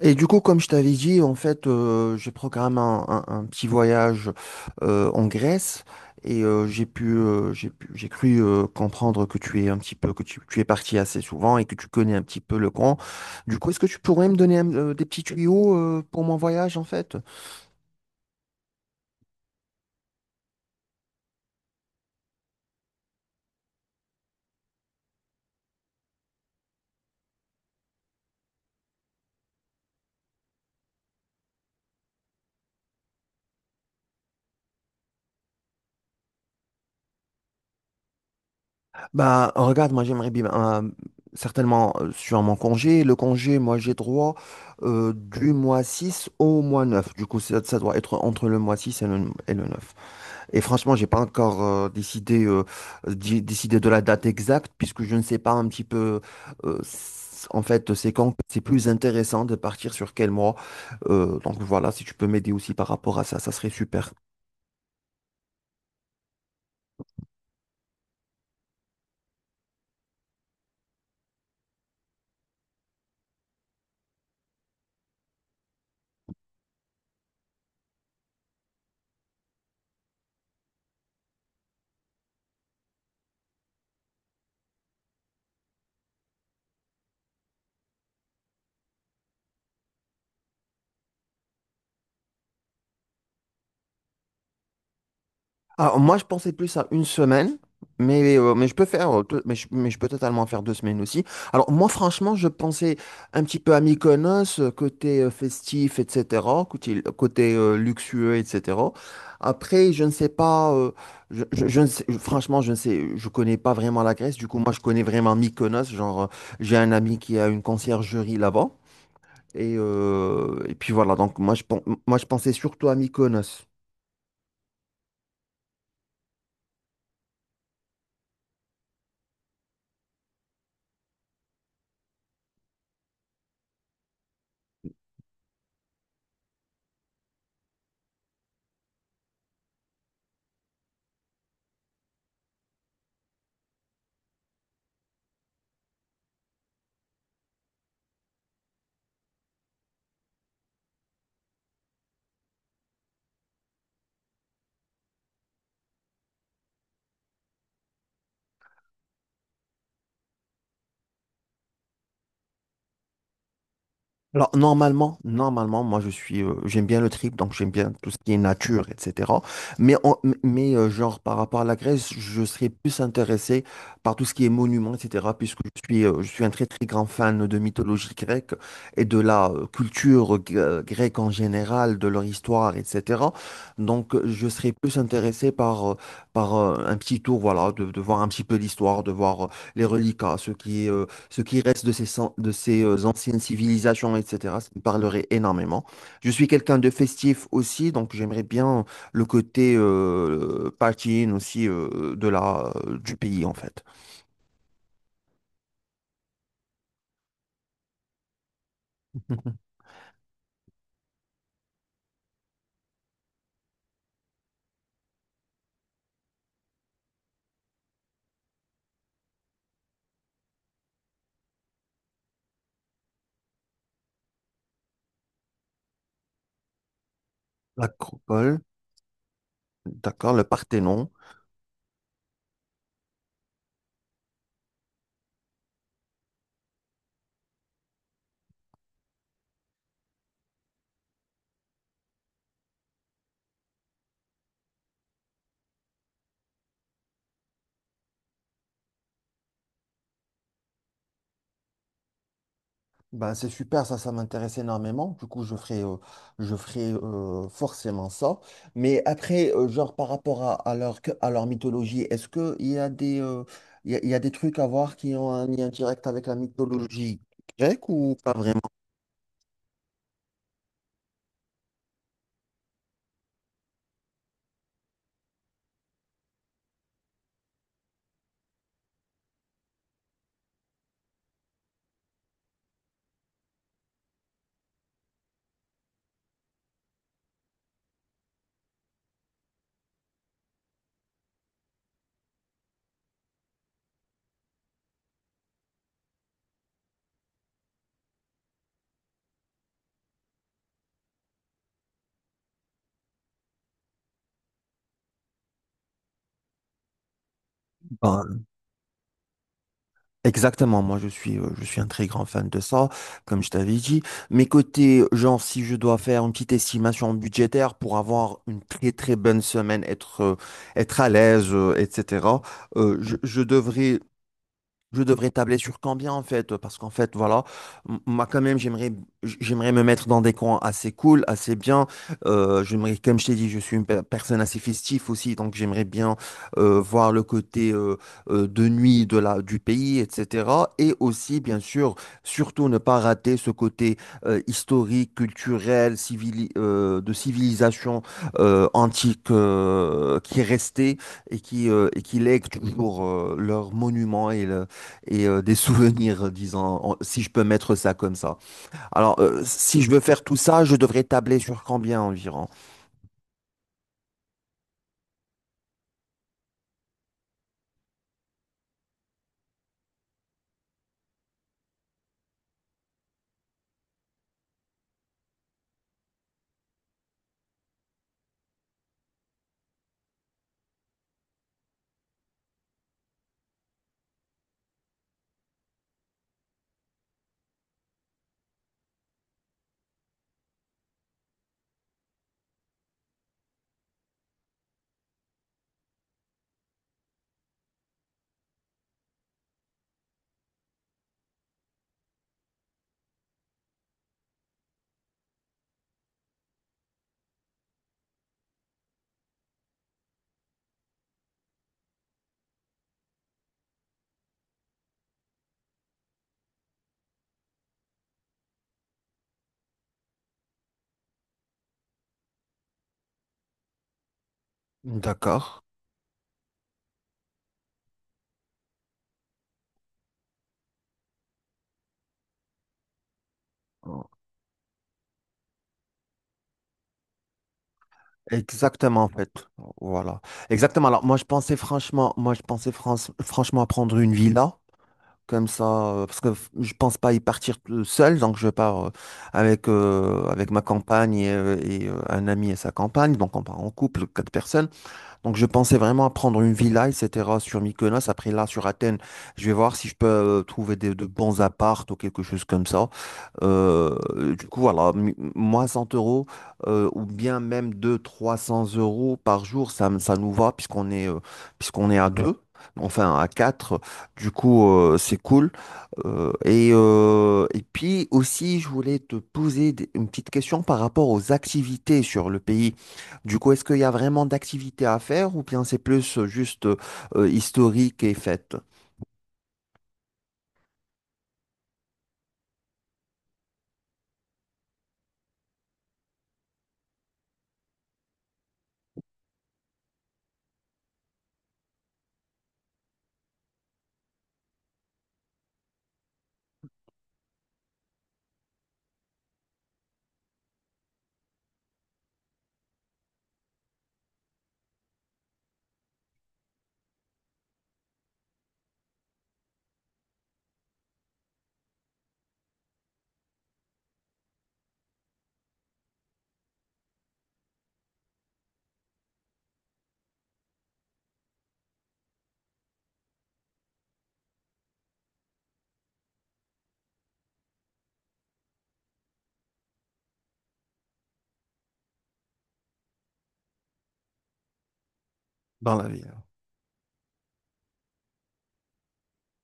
Et du coup, comme je t'avais dit, en fait, j'ai programmé un petit voyage en Grèce et j'ai pu, j'ai cru comprendre que tu es un petit peu, tu es parti assez souvent et que tu connais un petit peu le camp. Du coup, est-ce que tu pourrais me donner des petits tuyaux pour mon voyage, en fait? Bah, regarde, moi, j'aimerais bien, certainement, sur mon congé, le congé, moi, j'ai droit du mois 6 au mois 9. Du coup, ça doit être entre le mois 6 et et le 9. Et franchement, j'ai pas encore décidé, décidé de la date exacte, puisque je ne sais pas un petit peu, en fait, c'est quand c'est plus intéressant de partir sur quel mois. Donc voilà, si tu peux m'aider aussi par rapport à ça, ça serait super. Alors, moi, je pensais plus à une semaine, mais je peux faire, mais je peux totalement faire 2 semaines aussi. Alors, moi, franchement, je pensais un petit peu à Mykonos, côté festif, etc., côté luxueux, etc. Après, je ne sais pas, je ne sais- je- franchement, je ne sais, je connais pas vraiment la Grèce. Du coup, moi, je connais vraiment Mykonos. Genre, j'ai un ami qui a une conciergerie là-bas. Et puis voilà, donc moi, je pensais surtout à Mykonos. Alors normalement, normalement, moi je suis, j'aime bien le trip, donc j'aime bien tout ce qui est nature, etc. Mais genre par rapport à la Grèce, je serais plus intéressé par tout ce qui est monuments, etc. Puisque je suis un très très grand fan de mythologie grecque et de la grecque en général, de leur histoire, etc. Donc je serais plus intéressé par un petit tour, voilà, de voir un petit peu l'histoire, de voir les reliquats, ce qui reste de ces anciennes civilisations, etc. Ça me parlerait énormément. Je suis quelqu'un de festif aussi, donc j'aimerais bien le côté partying aussi du pays, en fait. L'Acropole, d'accord, le Parthénon. Ben, c'est super, ça m'intéresse énormément. Du coup, je ferai forcément ça. Mais après, genre par rapport à, à leur mythologie, est-ce que il y a des, il y a des trucs à voir qui ont un lien direct avec la mythologie grecque ou pas vraiment? Exactement, moi je suis un très grand fan de ça, comme je t'avais dit. Mais côté, genre, si je dois faire une petite estimation budgétaire pour avoir une très très bonne semaine, être, être à l'aise, etc., euh, je, je devrais je devrais tabler sur combien en fait? Parce qu'en fait, voilà, moi quand même, j'aimerais, j'aimerais me mettre dans des coins assez cool, assez bien. J'aimerais, comme je t'ai dit, je suis une personne assez festive aussi, donc j'aimerais bien voir le côté de nuit du pays, etc. Et aussi, bien sûr, surtout ne pas rater ce côté historique, culturel, de civilisation antique qui est resté et qui lèguent toujours leurs monuments des souvenirs, disons, si je peux mettre ça comme ça. Alors, si je veux faire tout ça, je devrais tabler sur combien environ? D'accord. Exactement, en fait. Voilà. Exactement. Alors, moi, je pensais franchement, moi, je pensais franchement à prendre une villa, comme ça, je pense pas y partir tout seul, donc je pars avec, avec ma compagne et un ami et sa compagne, donc on part en couple, quatre personnes. Donc, je pensais vraiment à prendre une villa, etc., sur Mykonos. Après, là, sur Athènes, je vais voir si je peux trouver de bons apparts ou quelque chose comme ça. Euh, du coup, voilà, moi, 100 € ou bien même 200, 300 € par jour, ça, ça nous va puisqu'on est à deux, enfin à quatre. Du coup, c'est cool. Et puis aussi, je voulais te poser une petite question par rapport aux activités sur le pays. Du coup, est-ce qu'il y a vraiment d'activités à faire ou bien c'est plus juste historique et fête dans la ville?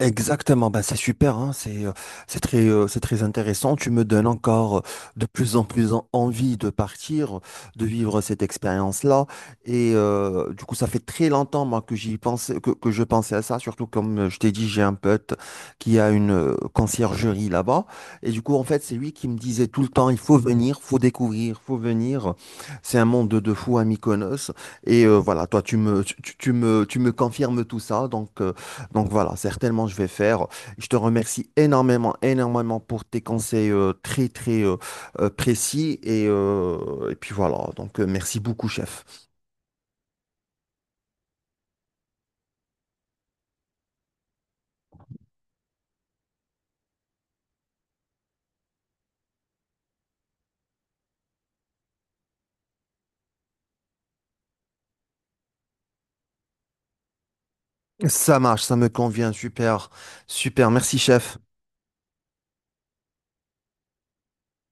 Exactement, bah c'est super, hein, c'est très intéressant. Tu me donnes encore de plus en plus envie de partir, de vivre cette expérience-là. Et du coup, ça fait très longtemps moi que j'y pensais, que je pensais à ça. Surtout comme je t'ai dit, j'ai un pote qui a une conciergerie là-bas. Et du coup, en fait, c'est lui qui me disait tout le temps, il faut venir, faut découvrir, faut venir. C'est un monde de fou à Mykonos. Et voilà, toi, tu me tu, tu- tu me confirmes tout ça, donc voilà, certainement je vais faire. Je te remercie énormément, énormément pour tes conseils très précis. Et puis voilà, donc merci beaucoup, chef. Ça marche, ça me convient, super, super. Merci, chef.